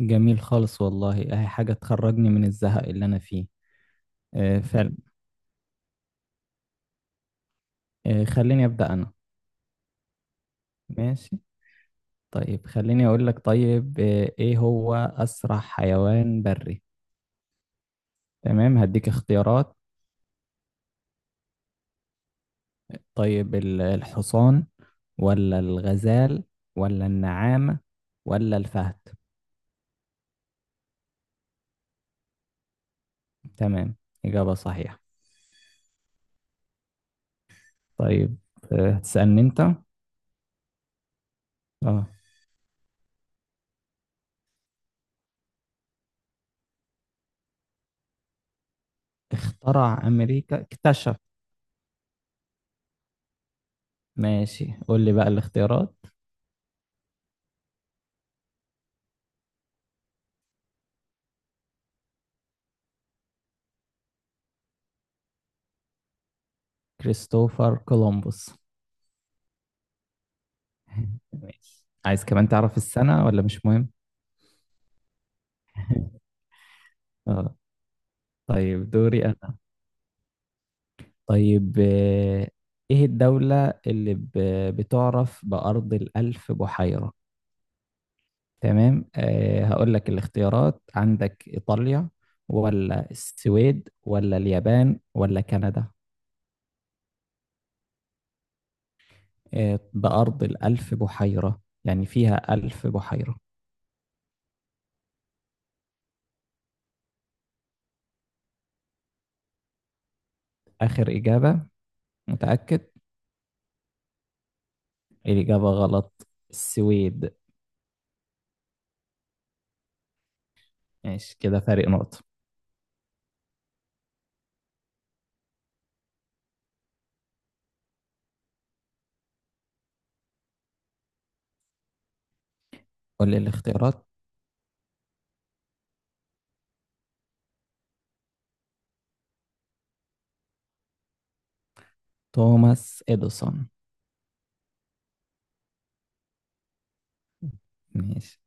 جميل خالص والله اهي حاجة تخرجني من الزهق اللي انا فيه. آه، فعلا. خليني ابدأ انا. ماشي. طيب خليني اقول لك. طيب ايه هو اسرع حيوان بري؟ تمام هديك اختيارات. طيب الحصان ولا الغزال ولا النعامة ولا الفهد. تمام إجابة صحيحة. طيب هتسألني انت. اه. اخترع امريكا اكتشف. ماشي قول لي بقى الاختيارات. كريستوفر كولومبوس. ماشي. عايز كمان تعرف السنة ولا مش مهم؟ اه. طيب دوري أنا. طيب آه، إيه الدولة اللي بتعرف بأرض الألف بحيرة؟ تمام. أه هقول لك الاختيارات، عندك إيطاليا ولا السويد ولا اليابان ولا كندا. أه بأرض الألف بحيرة، يعني فيها ألف بحيرة. آخر إجابة؟ متأكد؟ الإجابة غلط، السويد. ماشي كده فارق نقطة. قول لي الاختيارات. توماس إديسون. ماشي.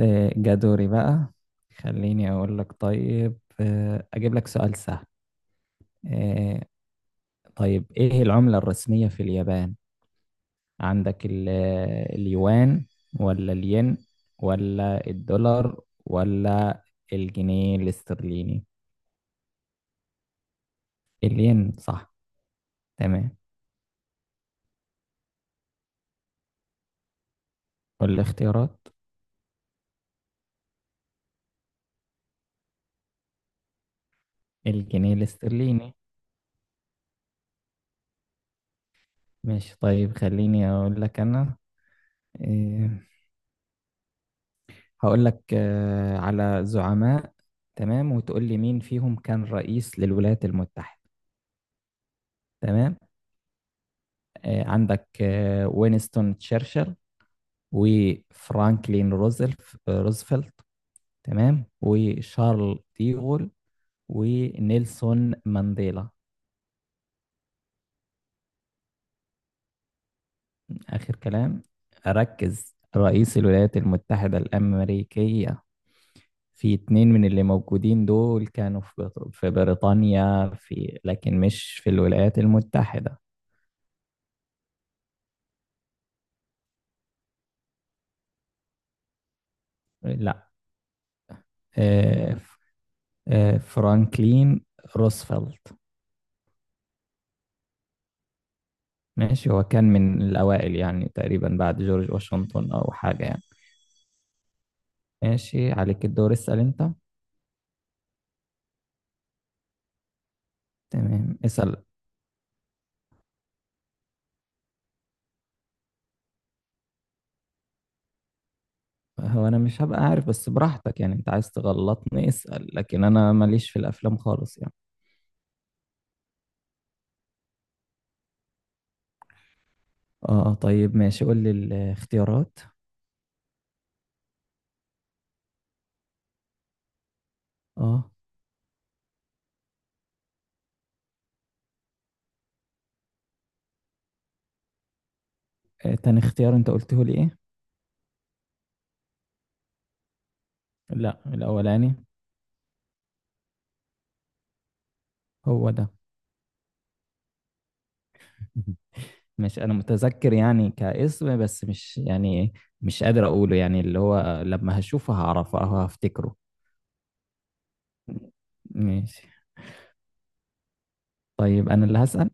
جا دوري بقى. خليني أقول لك. طيب أجيب لك سؤال سهل. آه، طيب إيه العملة الرسمية في اليابان؟ عندك اليوان ولا الين ولا الدولار ولا الجنيه الاسترليني؟ الين صح. تمام. والاختيارات؟ الجنيه الاسترليني. ماشي. طيب خليني أقول لك أنا. آه، هقول لك آه، على زعماء، تمام، وتقول لي مين فيهم كان رئيس للولايات المتحدة. تمام. عندك وينستون تشرشل وفرانكلين روزفلت. روزفلت. تمام. وشارل ديغول ونيلسون مانديلا. آخر كلام؟ ركز، رئيس الولايات المتحدة الأمريكية. في اتنين من اللي موجودين دول كانوا في في بريطانيا في، لكن مش في الولايات المتحدة. لا. آه، آه، فرانكلين روزفلت. ماشي، هو كان من الأوائل يعني، تقريبا بعد جورج واشنطن أو حاجة يعني. ماشي عليك الدور، اسأل أنت. تمام اسأل. هو أنا مش هبقى عارف، بس براحتك يعني، أنت عايز تغلطني اسأل، لكن أنا ماليش في الأفلام خالص يعني. اه طيب ماشي قول لي الاختيارات. اه. تاني اختيار أنت قلته لي إيه؟ لا الأولاني. هو ده. مش انا متذكر يعني كاسم، بس مش يعني، مش قادر اقوله يعني، اللي هو لما هشوفه هعرفه او هفتكره. ماشي. طيب انا اللي هسأل.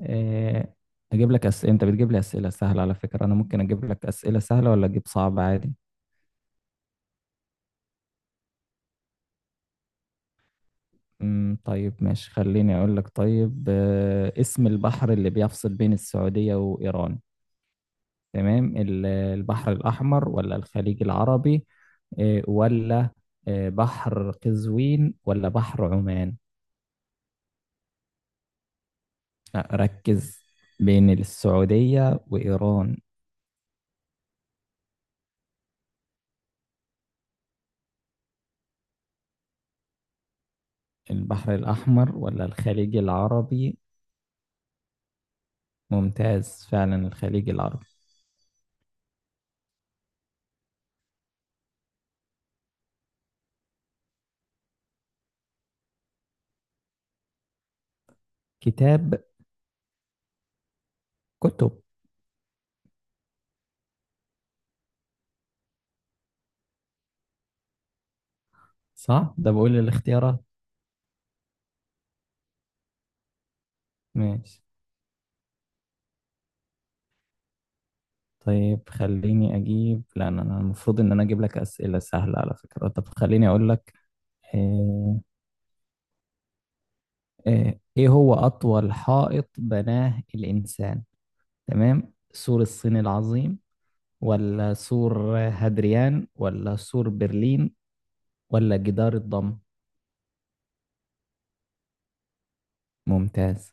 إيه، اجيب لك اسئله، انت بتجيب لي اسئله سهله، على فكره انا ممكن اجيب لك اسئله سهله ولا اجيب صعب عادي. طيب ماشي، خليني اقول لك. طيب اسم البحر اللي بيفصل بين السعوديه وايران. تمام، البحر الأحمر ولا الخليج العربي، ولا بحر قزوين ولا بحر عمان. لا ركز، بين السعودية وإيران. البحر الأحمر ولا الخليج العربي؟ ممتاز، فعلا الخليج العربي. كتاب كتب صح. ده بقول الاختيارات. ماشي. طيب خليني أجيب، لا أنا المفروض إن أنا أجيب لك أسئلة سهلة على فكرة. طب خليني أقول لك. آه، ايه هو اطول حائط بناه الانسان؟ تمام، سور الصين العظيم ولا سور هادريان ولا سور برلين ولا جدار الضم. ممتاز.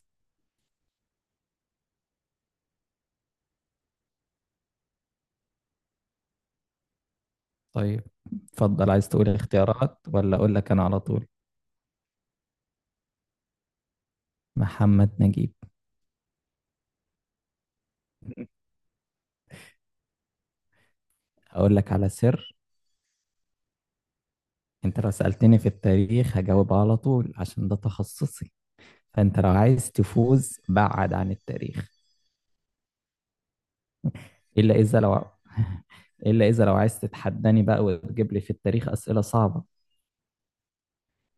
طيب اتفضل، عايز تقول اختيارات ولا اقول لك انا على طول؟ محمد نجيب. اقول لك على سر، انت لو سألتني في التاريخ هجاوب على طول عشان ده تخصصي، فانت لو عايز تفوز بعد عن التاريخ. الا اذا لو الا اذا لو عايز تتحداني بقى وتجيب لي في التاريخ اسئله صعبه.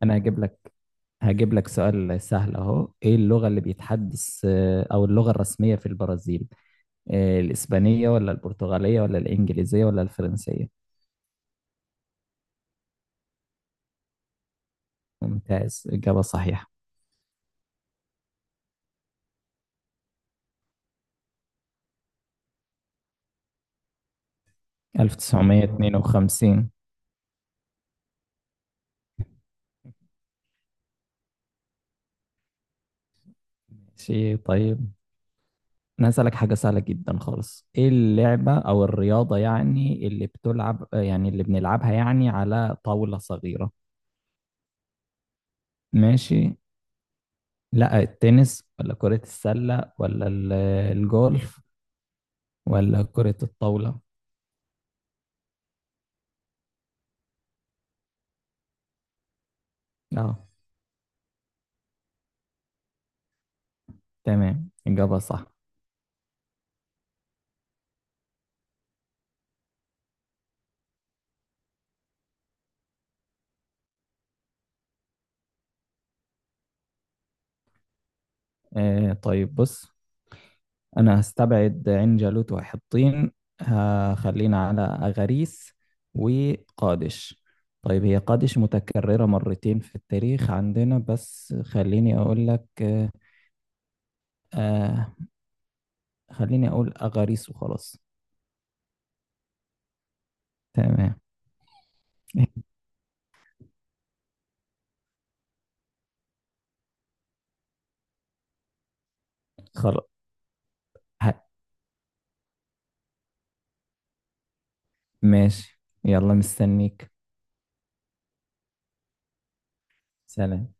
انا هجيب لك، هجيب لك سؤال سهل اهو. ايه اللغه اللي بيتحدث او اللغه الرسميه في البرازيل؟ الاسبانيه ولا البرتغاليه ولا الانجليزيه ولا الفرنسيه. ممتاز اجابه صحيحه. 1952. شيء طيب. انا هسألك حاجة سهلة جدا خالص. ايه اللعبة او الرياضة يعني اللي بتلعب، يعني اللي بنلعبها يعني على طاولة صغيرة؟ ماشي. لا التنس ولا كرة السلة ولا الجولف ولا كرة الطاولة. اه. تمام إجابة صح. آه طيب بص، أنا هستبعد عين جالوت وحطين، هخلينا على أغاريس وقادش. طيب هي قادش متكررة مرتين في التاريخ عندنا، بس خليني أقول لك. آه، خليني أقول أغاريس وخلاص. تمام. خلاص. ه- ماشي يلا، مستنيك. سلام.